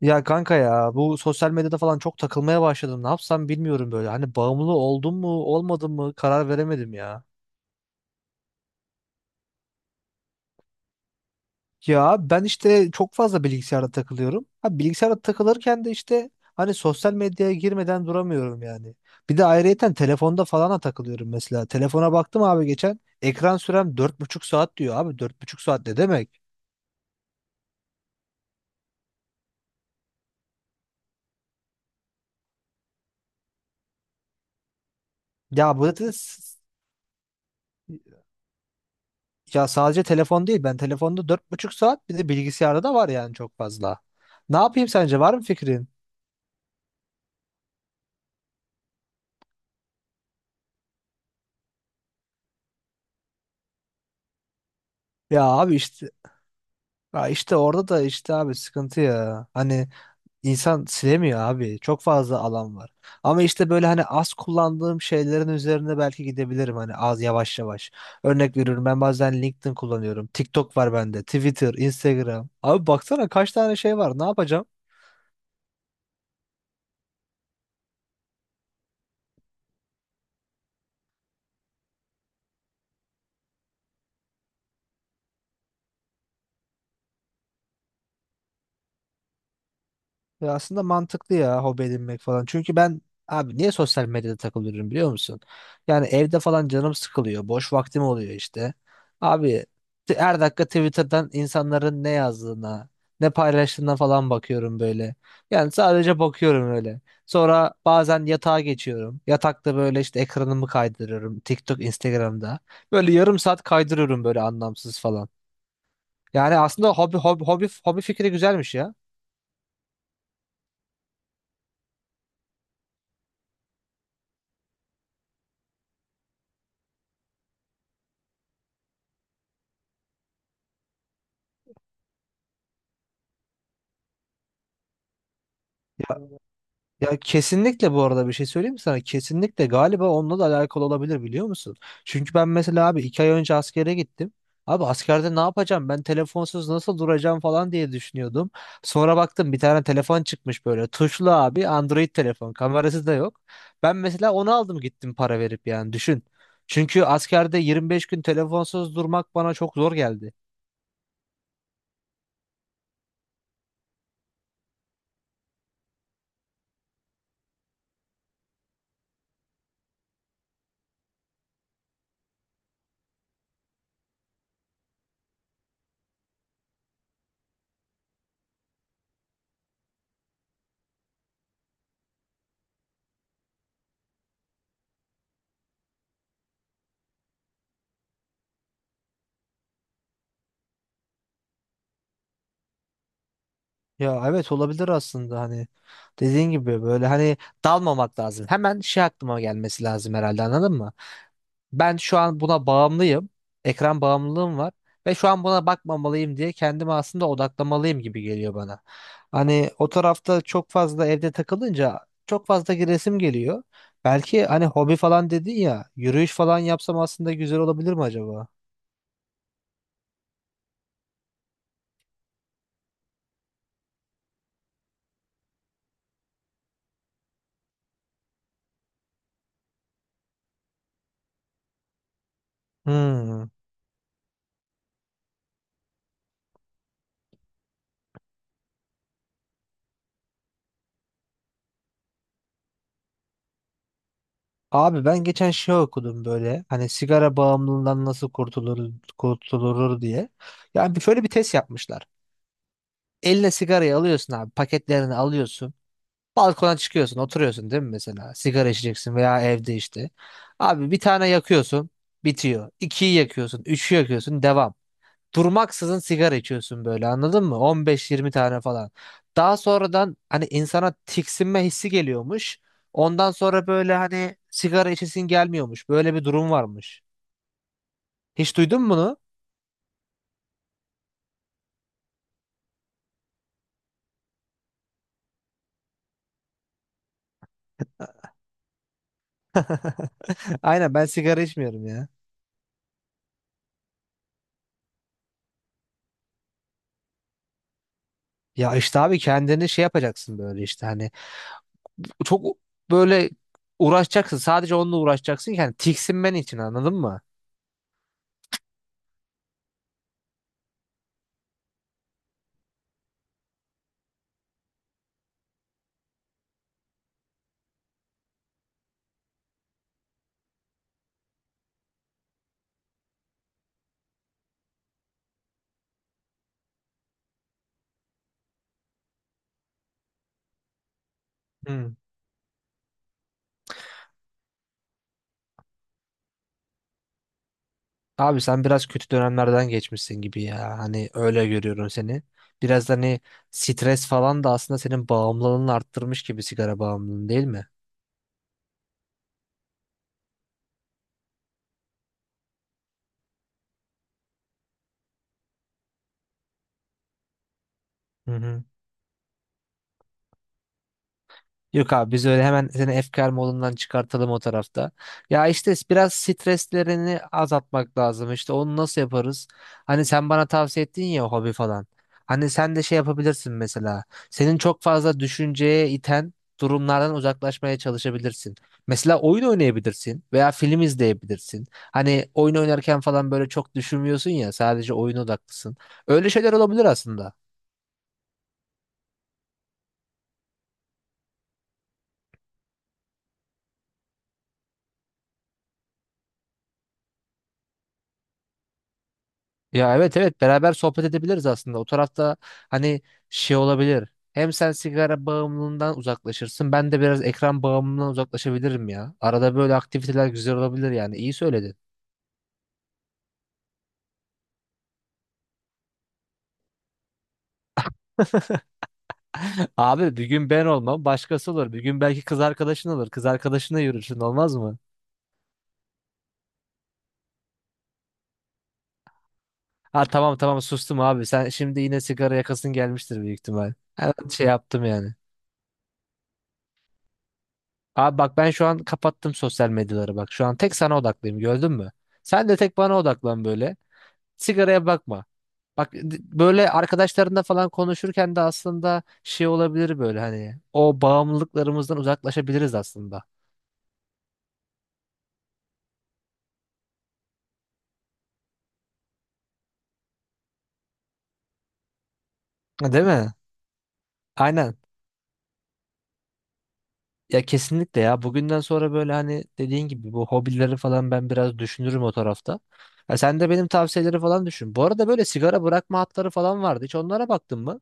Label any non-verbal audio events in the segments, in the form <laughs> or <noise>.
Ya kanka ya bu sosyal medyada falan çok takılmaya başladım. Ne yapsam bilmiyorum böyle. Hani bağımlı oldum mu olmadım mı karar veremedim ya. Ya ben işte çok fazla bilgisayarda takılıyorum. Ha bilgisayarda takılırken de işte hani sosyal medyaya girmeden duramıyorum yani. Bir de ayrıyeten telefonda falan da takılıyorum mesela. Telefona baktım abi geçen ekran sürem 4,5 saat diyor abi. 4,5 saat ne demek? Ya bu da Ya sadece telefon değil. Ben telefonda 4,5 saat bir de bilgisayarda da var yani çok fazla. Ne yapayım sence? Var mı fikrin? Ya abi işte ya işte orada da işte abi sıkıntı ya. Hani insan silemiyor abi. Çok fazla alan var. Ama işte böyle hani az kullandığım şeylerin üzerine belki gidebilirim hani az yavaş yavaş. Örnek veriyorum ben bazen LinkedIn kullanıyorum. TikTok var bende. Twitter, Instagram. Abi baksana kaç tane şey var. Ne yapacağım? Ya aslında mantıklı ya hobi edinmek falan. Çünkü ben abi niye sosyal medyada takılıyorum biliyor musun? Yani evde falan canım sıkılıyor. Boş vaktim oluyor işte. Abi her dakika Twitter'dan insanların ne yazdığına, ne paylaştığına falan bakıyorum böyle. Yani sadece bakıyorum öyle. Sonra bazen yatağa geçiyorum. Yatakta böyle işte ekranımı kaydırıyorum. TikTok, Instagram'da. Böyle yarım saat kaydırıyorum böyle anlamsız falan. Yani aslında hobi hobi hobi hobi fikri güzelmiş ya. Ya kesinlikle bu arada bir şey söyleyeyim mi sana? Kesinlikle galiba onunla da alakalı olabilir biliyor musun? Çünkü ben mesela abi 2 ay önce askere gittim. Abi askerde ne yapacağım? Ben telefonsuz nasıl duracağım falan diye düşünüyordum. Sonra baktım bir tane telefon çıkmış böyle. Tuşlu abi Android telefon. Kamerası da yok. Ben mesela onu aldım gittim para verip yani düşün. Çünkü askerde 25 gün telefonsuz durmak bana çok zor geldi. Ya evet olabilir aslında hani dediğin gibi böyle hani dalmamak lazım. Hemen şey aklıma gelmesi lazım herhalde anladın mı? Ben şu an buna bağımlıyım. Ekran bağımlılığım var ve şu an buna bakmamalıyım diye kendimi aslında odaklamalıyım gibi geliyor bana. Hani o tarafta çok fazla evde takılınca çok fazla resim geliyor. Belki hani hobi falan dedin ya yürüyüş falan yapsam aslında güzel olabilir mi acaba? Hmm. Abi ben geçen şey okudum böyle hani sigara bağımlılığından nasıl kurtulur, kurtulur diye. Yani şöyle bir test yapmışlar. Eline sigarayı alıyorsun abi paketlerini alıyorsun. Balkona çıkıyorsun oturuyorsun değil mi mesela sigara içeceksin veya evde işte. Abi bir tane yakıyorsun bitiyor. İkiyi yakıyorsun üçü yakıyorsun devam durmaksızın sigara içiyorsun böyle anladın mı? 15-20 tane falan. Daha sonradan hani insana tiksinme hissi geliyormuş. Ondan sonra böyle hani sigara içesin gelmiyormuş. Böyle bir durum varmış. Hiç duydun mu bunu? <laughs> Aynen ben sigara içmiyorum ya. Ya işte abi kendini şey yapacaksın böyle işte hani çok böyle uğraşacaksın. Sadece onunla uğraşacaksın ki hani tiksinmen için anladın mı? Hı. Abi sen biraz kötü dönemlerden geçmişsin gibi ya. Hani öyle görüyorum seni. Biraz da hani stres falan da aslında senin bağımlılığını arttırmış gibi sigara bağımlılığın değil mi? Hı hı. Yok abi biz öyle hemen seni efkar modundan çıkartalım o tarafta. Ya işte biraz streslerini azaltmak lazım. İşte onu nasıl yaparız? Hani sen bana tavsiye ettin ya hobi falan. Hani sen de şey yapabilirsin mesela. Senin çok fazla düşünceye iten durumlardan uzaklaşmaya çalışabilirsin. Mesela oyun oynayabilirsin veya film izleyebilirsin. Hani oyun oynarken falan böyle çok düşünmüyorsun ya sadece oyun odaklısın. Öyle şeyler olabilir aslında. Ya evet evet beraber sohbet edebiliriz aslında. O tarafta hani şey olabilir. Hem sen sigara bağımlılığından uzaklaşırsın. Ben de biraz ekran bağımlılığından uzaklaşabilirim ya. Arada böyle aktiviteler güzel olabilir yani. İyi söyledin. <laughs> Abi bir gün ben olmam başkası olur. Bir gün belki kız arkadaşın olur. Kız arkadaşına yürürsün olmaz mı? Ha, tamam tamam sustum abi. Sen şimdi yine sigara yakasın gelmiştir büyük ihtimal. Evet, şey yaptım yani. Abi bak ben şu an kapattım sosyal medyaları bak. Şu an tek sana odaklıyım gördün mü? Sen de tek bana odaklan böyle. Sigaraya bakma. Bak böyle arkadaşlarında falan konuşurken de aslında şey olabilir böyle hani o bağımlılıklarımızdan uzaklaşabiliriz aslında. Ha, değil mi? Aynen. Ya kesinlikle ya bugünden sonra böyle hani dediğin gibi bu hobileri falan ben biraz düşünürüm o tarafta. Ya sen de benim tavsiyeleri falan düşün. Bu arada böyle sigara bırakma hatları falan vardı. Hiç onlara baktın mı?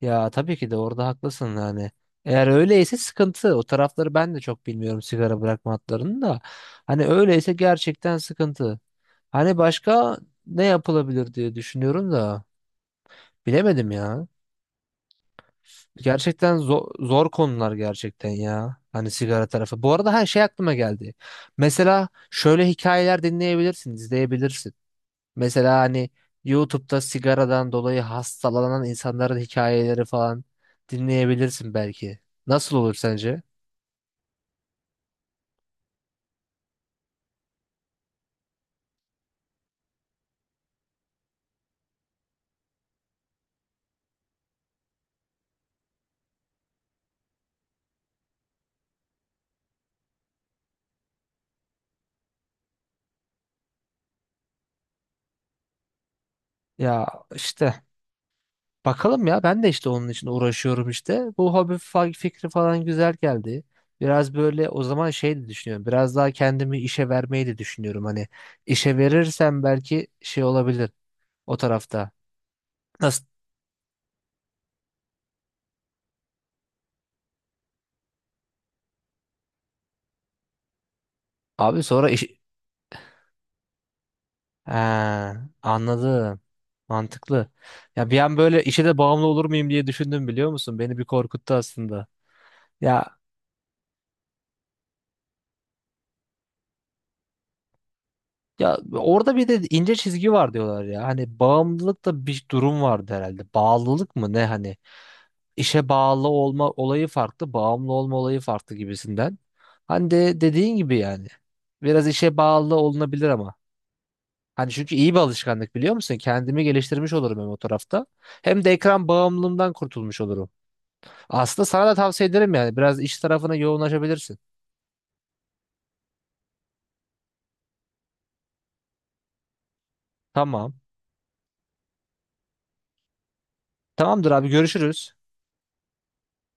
Ya tabii ki de orada haklısın yani. Eğer öyleyse sıkıntı. O tarafları ben de çok bilmiyorum sigara bırakma hatlarını da. Hani öyleyse gerçekten sıkıntı. Hani başka ne yapılabilir diye düşünüyorum da bilemedim ya. Gerçekten zor, zor konular gerçekten ya. Hani sigara tarafı. Bu arada her şey aklıma geldi. Mesela şöyle hikayeler dinleyebilirsin, izleyebilirsin. Mesela hani YouTube'da sigaradan dolayı hastalanan insanların hikayeleri falan dinleyebilirsin belki. Nasıl olur sence? Ya işte bakalım ya ben de işte onun için uğraşıyorum işte. Bu hobi fikri falan güzel geldi. Biraz böyle o zaman şey de düşünüyorum. Biraz daha kendimi işe vermeyi de düşünüyorum. Hani işe verirsem belki şey olabilir o tarafta. Nasıl? Abi sonra iş, Ha, anladım. Mantıklı. Ya bir an böyle işe de bağımlı olur muyum diye düşündüm biliyor musun? Beni bir korkuttu aslında. Ya ya orada bir de ince çizgi var diyorlar ya. Hani bağımlılık da bir durum vardı herhalde. Bağlılık mı ne hani? İşe bağlı olma olayı farklı, bağımlı olma olayı farklı gibisinden. Hani de dediğin gibi yani. Biraz işe bağlı olunabilir ama. Hani çünkü iyi bir alışkanlık biliyor musun? Kendimi geliştirmiş olurum hem o tarafta. Hem de ekran bağımlılığımdan kurtulmuş olurum. Aslında sana da tavsiye ederim yani. Biraz iş tarafına yoğunlaşabilirsin. Tamam. Tamamdır abi görüşürüz.